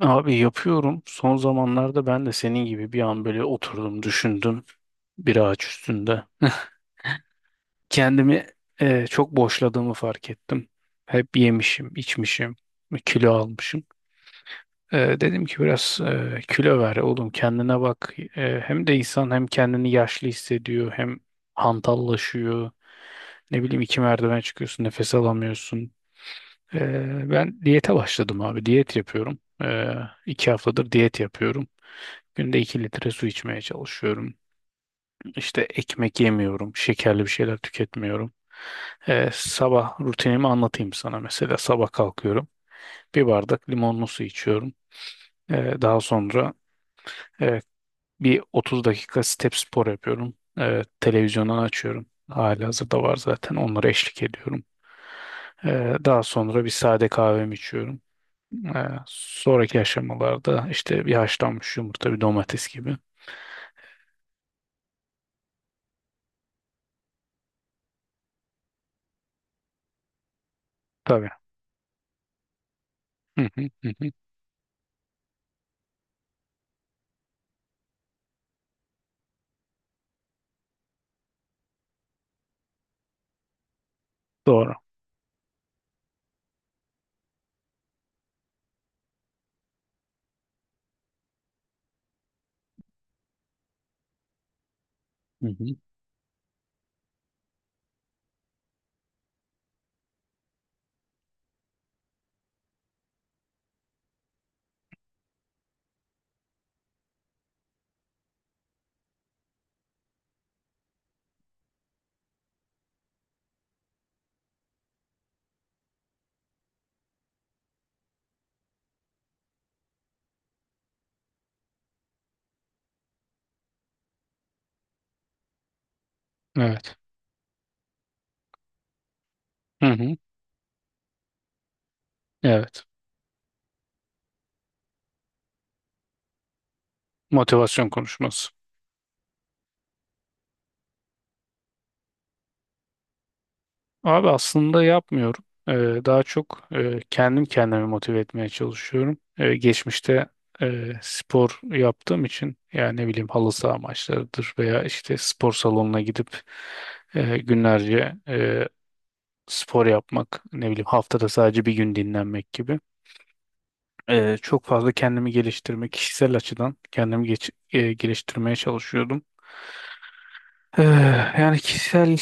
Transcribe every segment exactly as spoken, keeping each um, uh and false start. Abi yapıyorum. Son zamanlarda ben de senin gibi bir an böyle oturdum, düşündüm bir ağaç üstünde. Kendimi eh, çok boşladığımı fark ettim. Hep yemişim, içmişim, kilo almışım. Eh, dedim ki biraz eh, kilo ver oğlum kendine bak. Eh, hem de insan hem kendini yaşlı hissediyor hem hantallaşıyor. Ne bileyim iki merdiven çıkıyorsun nefes alamıyorsun. Ee, ben diyete başladım abi. Diyet yapıyorum. Ee, iki haftadır diyet yapıyorum. Günde iki litre su içmeye çalışıyorum. İşte ekmek yemiyorum. Şekerli bir şeyler tüketmiyorum. Ee, sabah rutinimi anlatayım sana. Mesela sabah kalkıyorum. Bir bardak limonlu su içiyorum. Ee, daha sonra e, bir otuz dakika step spor yapıyorum. Ee, televizyondan açıyorum. Halihazırda var zaten. Onlara eşlik ediyorum. Ee, daha sonra bir sade kahvemi içiyorum. Ee, sonraki aşamalarda işte bir haşlanmış yumurta, bir domates gibi. Tabii. Hı hı, hı hı. Doğru. Hı hı. Evet. Hı hı. Evet. Motivasyon konuşması. Abi aslında yapmıyorum. Ee, daha çok e, kendim kendimi motive etmeye çalışıyorum. Ee, geçmişte e, spor yaptığım için yani ne bileyim halı saha maçlarıdır veya işte spor salonuna gidip e, günlerce e, spor yapmak, ne bileyim haftada sadece bir gün dinlenmek gibi. Eee, çok fazla kendimi geliştirme, kişisel açıdan kendimi geç- eee, geliştirmeye çalışıyordum. Eee, yani kişisel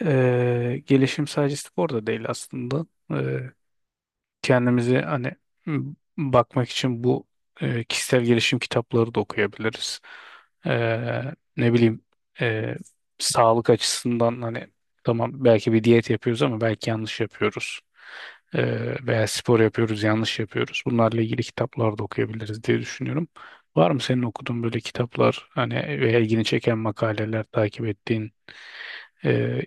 eee, gelişim sadece spor da değil aslında kendimizi hani m, bakmak için bu e, kişisel gelişim kitapları da okuyabiliriz. Eee, ne bileyim e, sağlık açısından hani tamam belki bir diyet yapıyoruz ama belki yanlış yapıyoruz. Eee, veya spor yapıyoruz yanlış yapıyoruz. Bunlarla ilgili kitaplar da okuyabiliriz diye düşünüyorum. Var mı senin okuduğun böyle kitaplar hani veya ilgini çeken makaleler takip ettiğin e,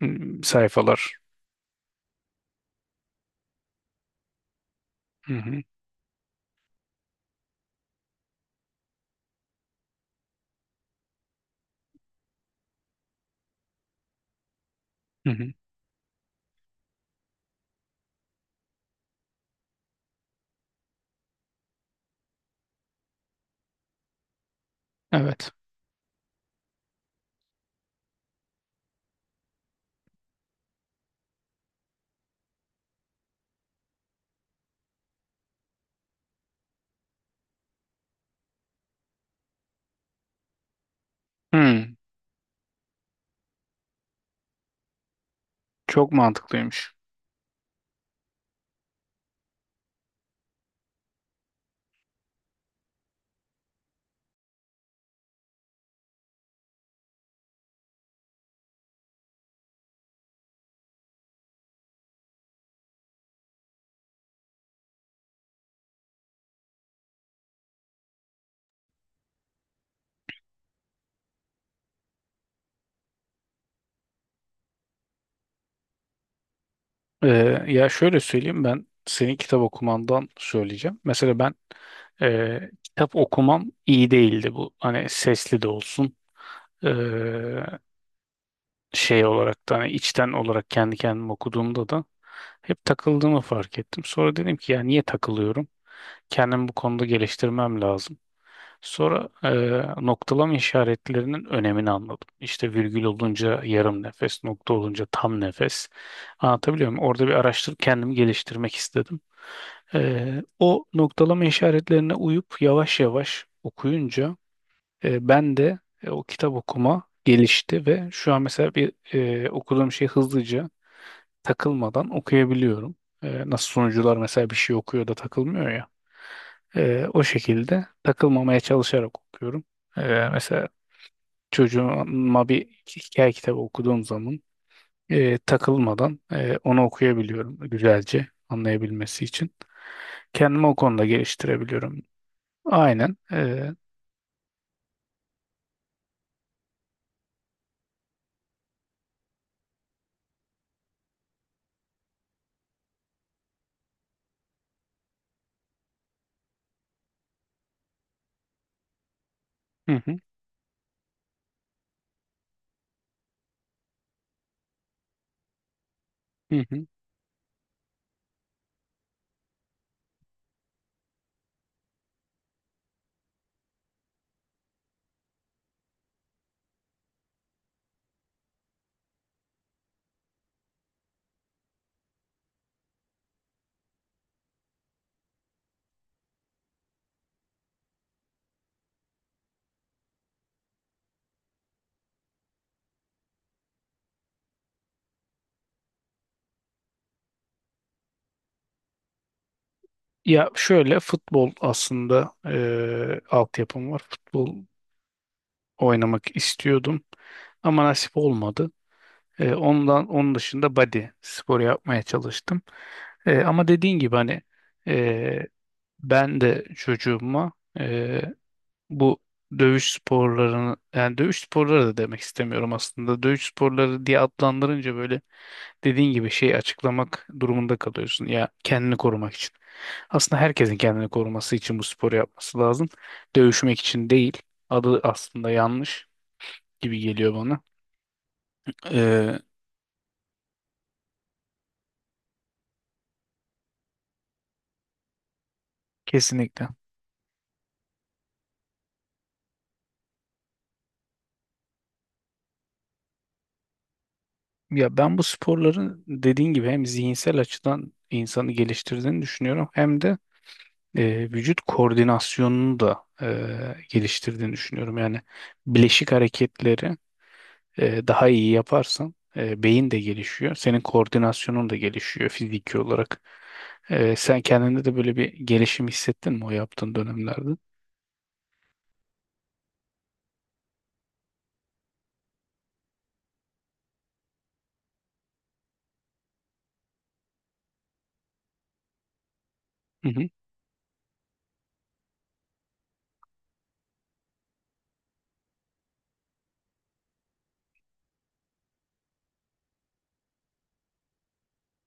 m, sayfalar? Hı hı, hı hı. Evet. Hı. Çok mantıklıymış. Ee, Ya şöyle söyleyeyim ben senin kitap okumandan söyleyeceğim. Mesela ben e, kitap okumam iyi değildi bu. Hani sesli de olsun e, şey olarak da hani içten olarak kendi kendime okuduğumda da hep takıldığımı fark ettim. Sonra dedim ki ya niye takılıyorum? Kendimi bu konuda geliştirmem lazım. Sonra eee, noktalama işaretlerinin önemini anladım. İşte virgül olunca yarım nefes, nokta olunca tam nefes. Anlatabiliyor muyum? Orada bir araştırıp kendimi geliştirmek istedim. Eee, o noktalama işaretlerine uyup yavaş yavaş okuyunca eee, ben de e, o kitap okuma gelişti ve şu an mesela bir eee, okuduğum şey hızlıca takılmadan okuyabiliyorum. Ee, nasıl sunucular mesela bir şey okuyor da takılmıyor ya. Ee, o şekilde takılmamaya çalışarak okuyorum. Ee, mesela çocuğuma bir hikaye kitabı okuduğum zaman e, takılmadan e, onu okuyabiliyorum güzelce anlayabilmesi için. Kendimi o konuda geliştirebiliyorum. Aynen. E, hı hı, hı hı. Ya şöyle futbol aslında e, altyapım var. Futbol oynamak istiyordum ama nasip olmadı. Ee, ondan onun dışında body spor yapmaya çalıştım. Ee, ama dediğin gibi hani e, ben de çocuğuma e, bu dövüş sporlarını yani dövüş sporları da demek istemiyorum aslında. Dövüş sporları diye adlandırınca böyle dediğin gibi şeyi açıklamak durumunda kalıyorsun ya kendini korumak için. Aslında herkesin kendini koruması için bu sporu yapması lazım. Dövüşmek için değil. Adı aslında yanlış gibi geliyor bana. Ee, Kesinlikle. Ya ben bu sporların dediğin gibi hem zihinsel açıdan insanı geliştirdiğini düşünüyorum hem de e, vücut koordinasyonunu da e, geliştirdiğini düşünüyorum. Yani bileşik hareketleri e, daha iyi yaparsan e, beyin de gelişiyor. Senin koordinasyonun da gelişiyor fiziki olarak. E, sen kendinde de böyle bir gelişim hissettin mi o yaptığın dönemlerde? Hı hı.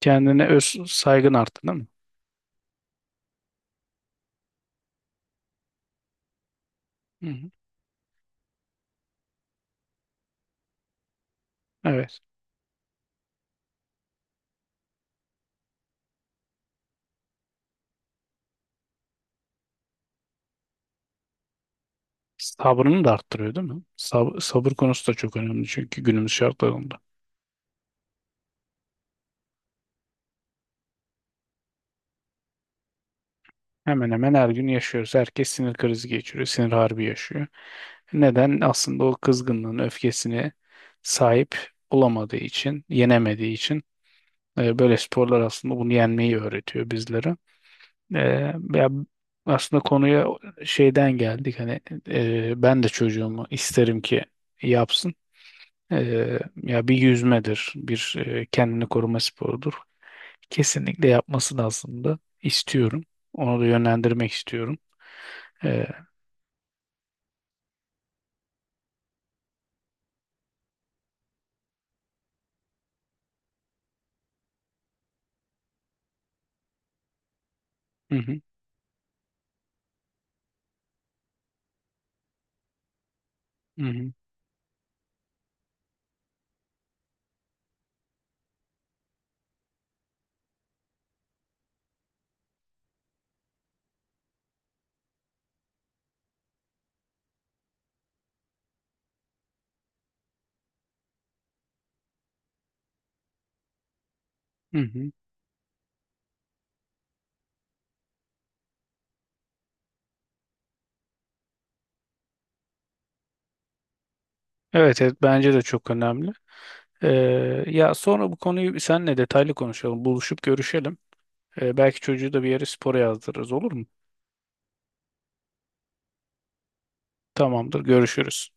Kendine öz saygın arttı değil mi? Hı hı. Evet. Sabrını da arttırıyor değil mi? Sab- sabır konusu da çok önemli çünkü günümüz şartlarında. Hemen hemen her gün yaşıyoruz. Herkes sinir krizi geçiriyor, sinir harbi yaşıyor. Neden? Aslında o kızgınlığın öfkesine sahip olamadığı için, yenemediği için e, böyle sporlar aslında bunu yenmeyi öğretiyor bizlere. E, Ya aslında konuya şeyden geldik hani e, ben de çocuğumu isterim ki yapsın. E, ya bir yüzmedir, bir e, kendini koruma sporudur. Kesinlikle yapmasını aslında istiyorum. Onu da yönlendirmek istiyorum. Ee, hı hı, hı hı, hı hı. Evet, evet bence de çok önemli. Ee, Ya sonra bu konuyu seninle detaylı konuşalım. Buluşup görüşelim. Ee, belki çocuğu da bir yere spora yazdırırız olur mu? Tamamdır, görüşürüz.